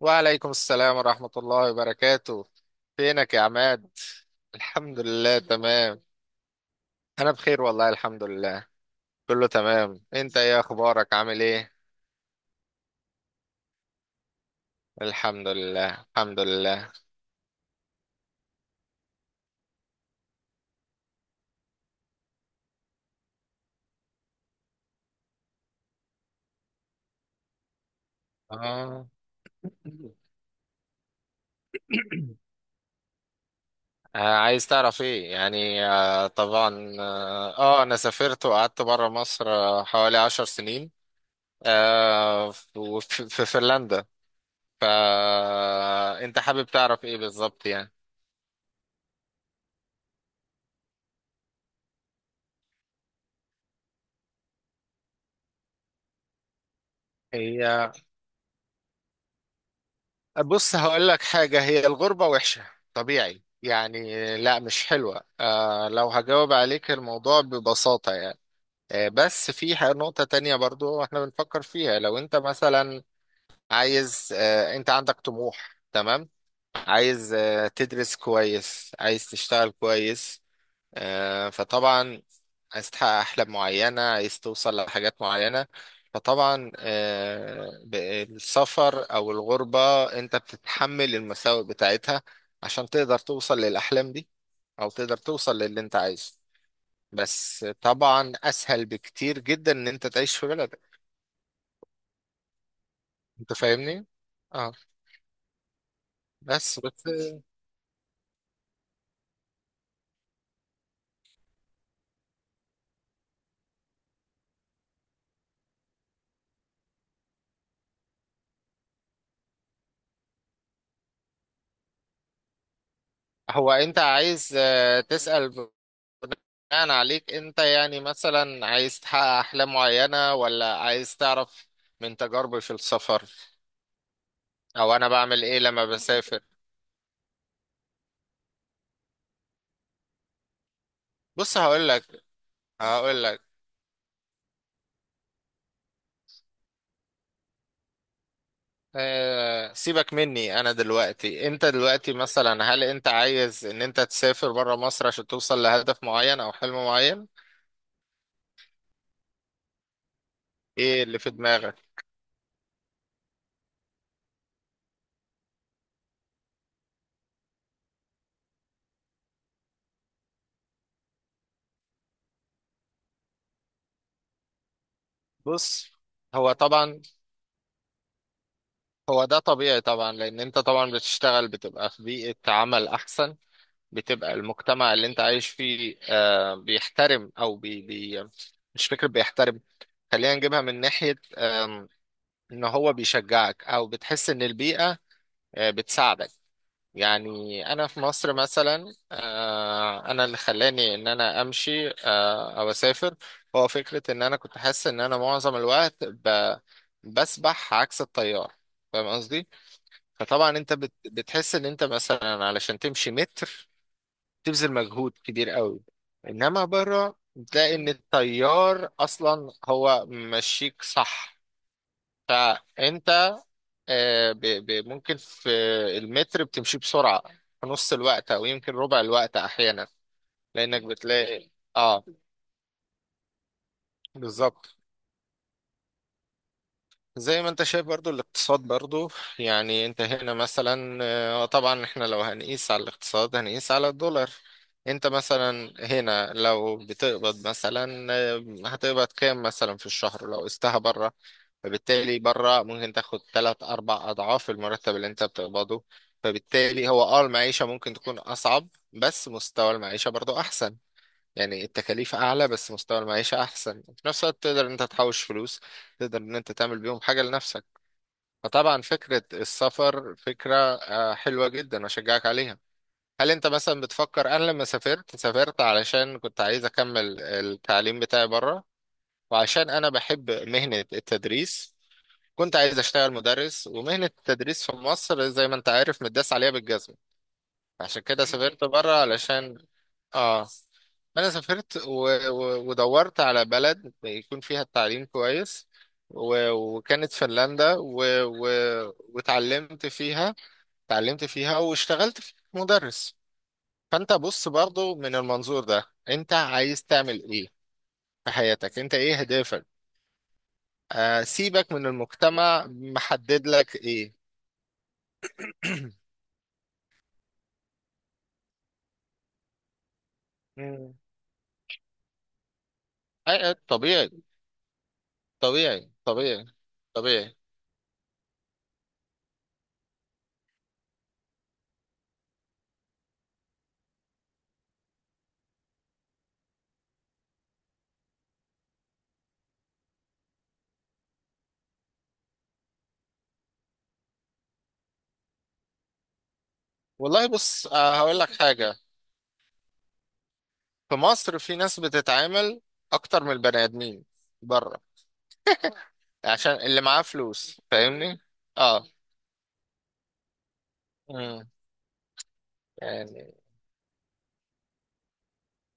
وعليكم السلام ورحمة الله وبركاته. فينك يا عماد؟ الحمد لله، تمام. أنا بخير والله، الحمد لله، كله تمام. أنت إيه أخبارك؟ عامل إيه؟ الحمد لله. الحمد لله. آه. آه، عايز تعرف ايه يعني؟ آه طبعا، انا سافرت وقعدت بره مصر، حوالي 10 سنين. آه وفي- في في فنلندا. فانت حابب تعرف ايه بالظبط يعني؟ هي بص، هقول لك حاجة. هي الغربة وحشة، طبيعي يعني، لا مش حلوة. لو هجاوب عليك الموضوع ببساطة يعني، بس في نقطة تانية برضو احنا بنفكر فيها. لو انت مثلا عايز، انت عندك طموح، تمام؟ عايز تدرس كويس، عايز تشتغل كويس، فطبعا عايز تحقق أحلام معينة، عايز توصل لحاجات معينة. فطبعا السفر أو الغربة أنت بتتحمل المساوئ بتاعتها عشان تقدر توصل للأحلام دي، أو تقدر توصل للي أنت عايزه. بس طبعا أسهل بكتير جدا إن أنت تعيش في بلدك. أنت فاهمني؟ اه. بس هو أنت عايز، تسأل بناء عليك انت، يعني مثلا عايز تحقق احلام معينة، ولا عايز تعرف من تجاربي في السفر او انا بعمل ايه لما بسافر؟ بص هقول لك، هقول لك سيبك مني. انا دلوقتي، انت دلوقتي مثلا، هل انت عايز ان انت تسافر بره مصر عشان توصل لهدف معين او حلم معين؟ ايه اللي في دماغك؟ بص، هو طبعا هو ده طبيعي طبعا، لان انت طبعا بتشتغل، بتبقى في بيئة عمل احسن، بتبقى المجتمع اللي انت عايش فيه بيحترم او بي بي، مش فكرة بيحترم، خلينا نجيبها من ناحية، ان هو بيشجعك، او بتحس ان البيئة بتساعدك. يعني انا في مصر مثلا، انا اللي خلاني ان انا امشي او اسافر، هو فكرة ان انا كنت حاسس ان انا معظم الوقت بسبح عكس التيار. فاهم قصدي؟ فطبعا انت بتحس ان انت مثلا علشان تمشي متر، بتبذل مجهود كبير قوي، انما بره بتلاقي ان التيار اصلا هو ماشيك، صح؟ فانت آه، ب- ممكن في المتر بتمشي بسرعه، في نص الوقت او يمكن ربع الوقت احيانا، لانك بتلاقي. اه، بالظبط. زي ما انت شايف برضو، الاقتصاد برضو، يعني انت هنا مثلا، طبعا احنا لو هنقيس على الاقتصاد، هنقيس على الدولار. انت مثلا هنا لو بتقبض مثلا، هتقبض كام مثلا في الشهر لو قستها بره؟ فبالتالي بره ممكن تاخد تلات اربع اضعاف المرتب اللي انت بتقبضه، فبالتالي هو، المعيشة ممكن تكون اصعب بس مستوى المعيشة برضو احسن. يعني التكاليف اعلى بس مستوى المعيشة احسن، في نفس الوقت تقدر ان انت تحوش فلوس، تقدر ان انت تعمل بيهم حاجة لنفسك. فطبعا فكرة السفر فكرة، حلوة جدا، واشجعك عليها. هل انت مثلا بتفكر؟ انا لما سافرت، سافرت علشان كنت عايز اكمل التعليم بتاعي بره، وعشان انا بحب مهنة التدريس. كنت عايز اشتغل مدرس، ومهنة التدريس في مصر زي ما انت عارف متداس عليها بالجزمة. عشان كده سافرت بره علشان، اه انا سافرت ودورت على بلد يكون فيها التعليم كويس، وكانت فنلندا وتعلمت فيها تعلمت فيها واشتغلت في مدرس. فانت بص برضو، من المنظور ده انت عايز تعمل ايه في حياتك؟ انت ايه هدفك؟ سيبك من المجتمع، محدد لك ايه؟ مم. طبيعي. طبيعي، طبيعي، طبيعي، والله بص، هقول لك حاجة. في مصر في ناس بتتعامل أكتر من البني آدمين بره، عشان اللي معاه فلوس. فاهمني؟ اه. مم. يعني،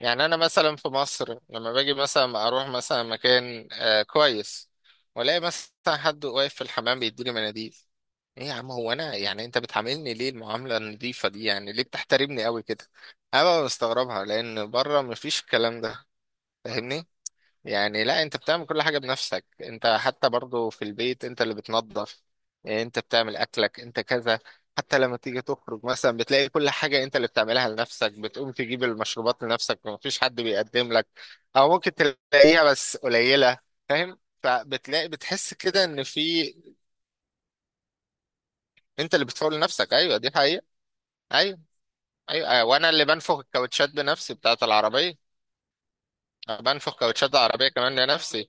يعني أنا مثلا في مصر لما باجي مثلا أروح مثلا مكان كويس، وألاقي مثلا حد واقف في الحمام بيديني مناديل، إيه يا عم؟ هو أنا يعني، أنت بتعاملني ليه المعاملة النظيفة دي؟ يعني ليه بتحترمني قوي كده؟ أنا ببقى مستغربها لأن بره مفيش الكلام ده. فاهمني؟ يعني لا، انت بتعمل كل حاجة بنفسك، انت حتى برضو في البيت انت اللي بتنظف، انت بتعمل اكلك، انت كذا. حتى لما تيجي تخرج مثلا، بتلاقي كل حاجة انت اللي بتعملها لنفسك، بتقوم تجيب المشروبات لنفسك ومفيش حد بيقدم لك، او ممكن تلاقيها بس قليلة. فاهم؟ فبتلاقي بتحس كده ان في، انت اللي بتفوق لنفسك. ايوه دي حقيقة. ايوه، ايوه، وانا اللي بنفخ الكاوتشات بنفسي بتاعت العربية، بنفخ كاوتشات العربية كمان لنفسي.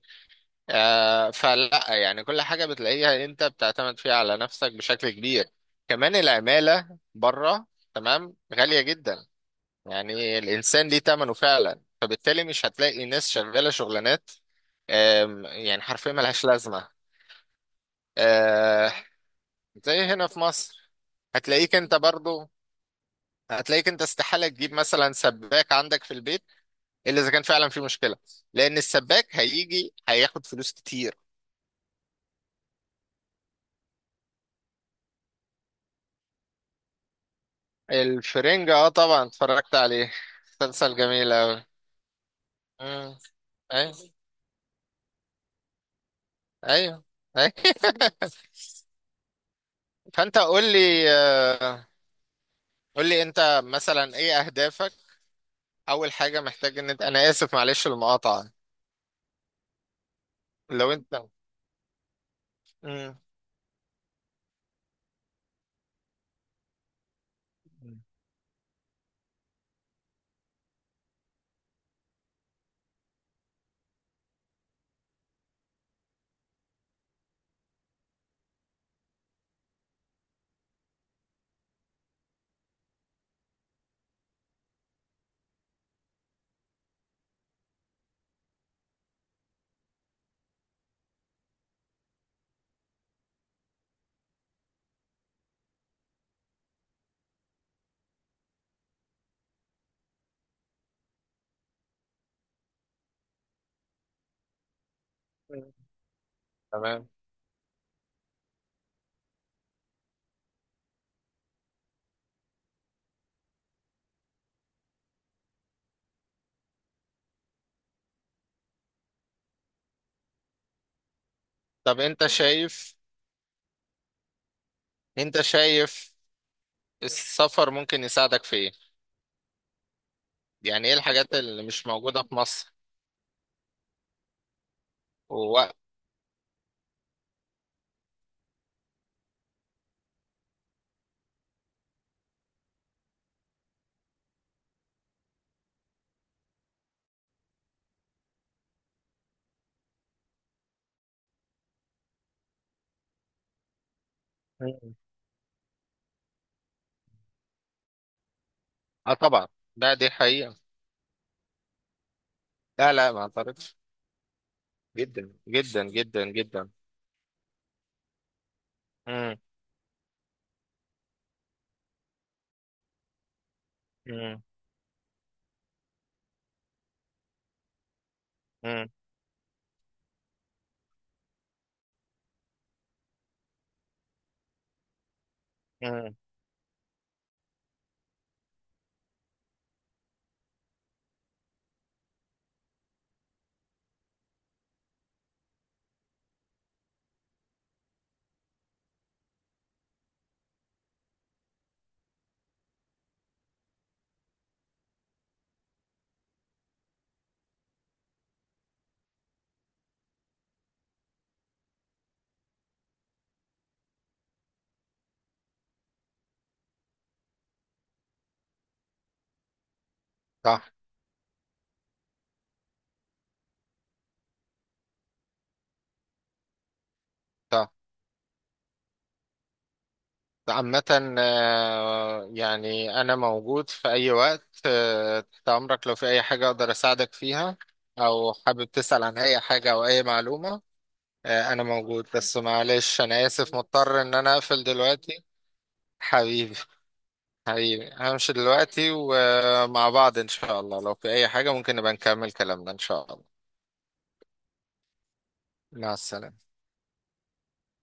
فلا يعني كل حاجة بتلاقيها انت بتعتمد فيها على نفسك بشكل كبير. كمان العمالة بره، تمام، غالية جدا، يعني الإنسان ليه تمنه فعلا. فبالتالي مش هتلاقي ناس شغالة شغلانات، يعني حرفيا ملهاش لازمة. آه، زي هنا في مصر، هتلاقيك انت برضو، هتلاقيك انت استحالة تجيب مثلا سباك عندك في البيت إلا إذا كان فعلا في مشكلة، لأن السباك هيجي هياخد فلوس كتير. الفرنجة، طبعا اتفرجت عليه، مسلسل جميل اوي. مم. ايوه، ايوه، ايوه. فانت قول لي، قول لي انت مثلا ايه اهدافك؟ اول حاجة محتاج ان انت، انا اسف معلش المقاطعة، لو انت. مم. مم. تمام. طب انت شايف انت شايف السفر ممكن يساعدك في ايه؟ يعني ايه الحاجات اللي مش موجودة في مصر ووقت؟ مم. اه طبعا. لا دي حقيقة. لا لا ما اعترضش، جدا جدا جدا جدا. امم، امم، امم، امم. صح، صح. عامة، يعني أنا موجود في أي وقت تحت أمرك لو في أي حاجة أقدر أساعدك فيها، أو حابب تسأل عن أي حاجة أو أي معلومة. أنا موجود، بس معلش أنا آسف مضطر إن أنا أقفل دلوقتي. حبيبي، حبيبي، همشي دلوقتي، ومع بعض إن شاء الله لو في أي حاجة ممكن نبقى نكمل كلامنا إن شاء الله. مع السلامة.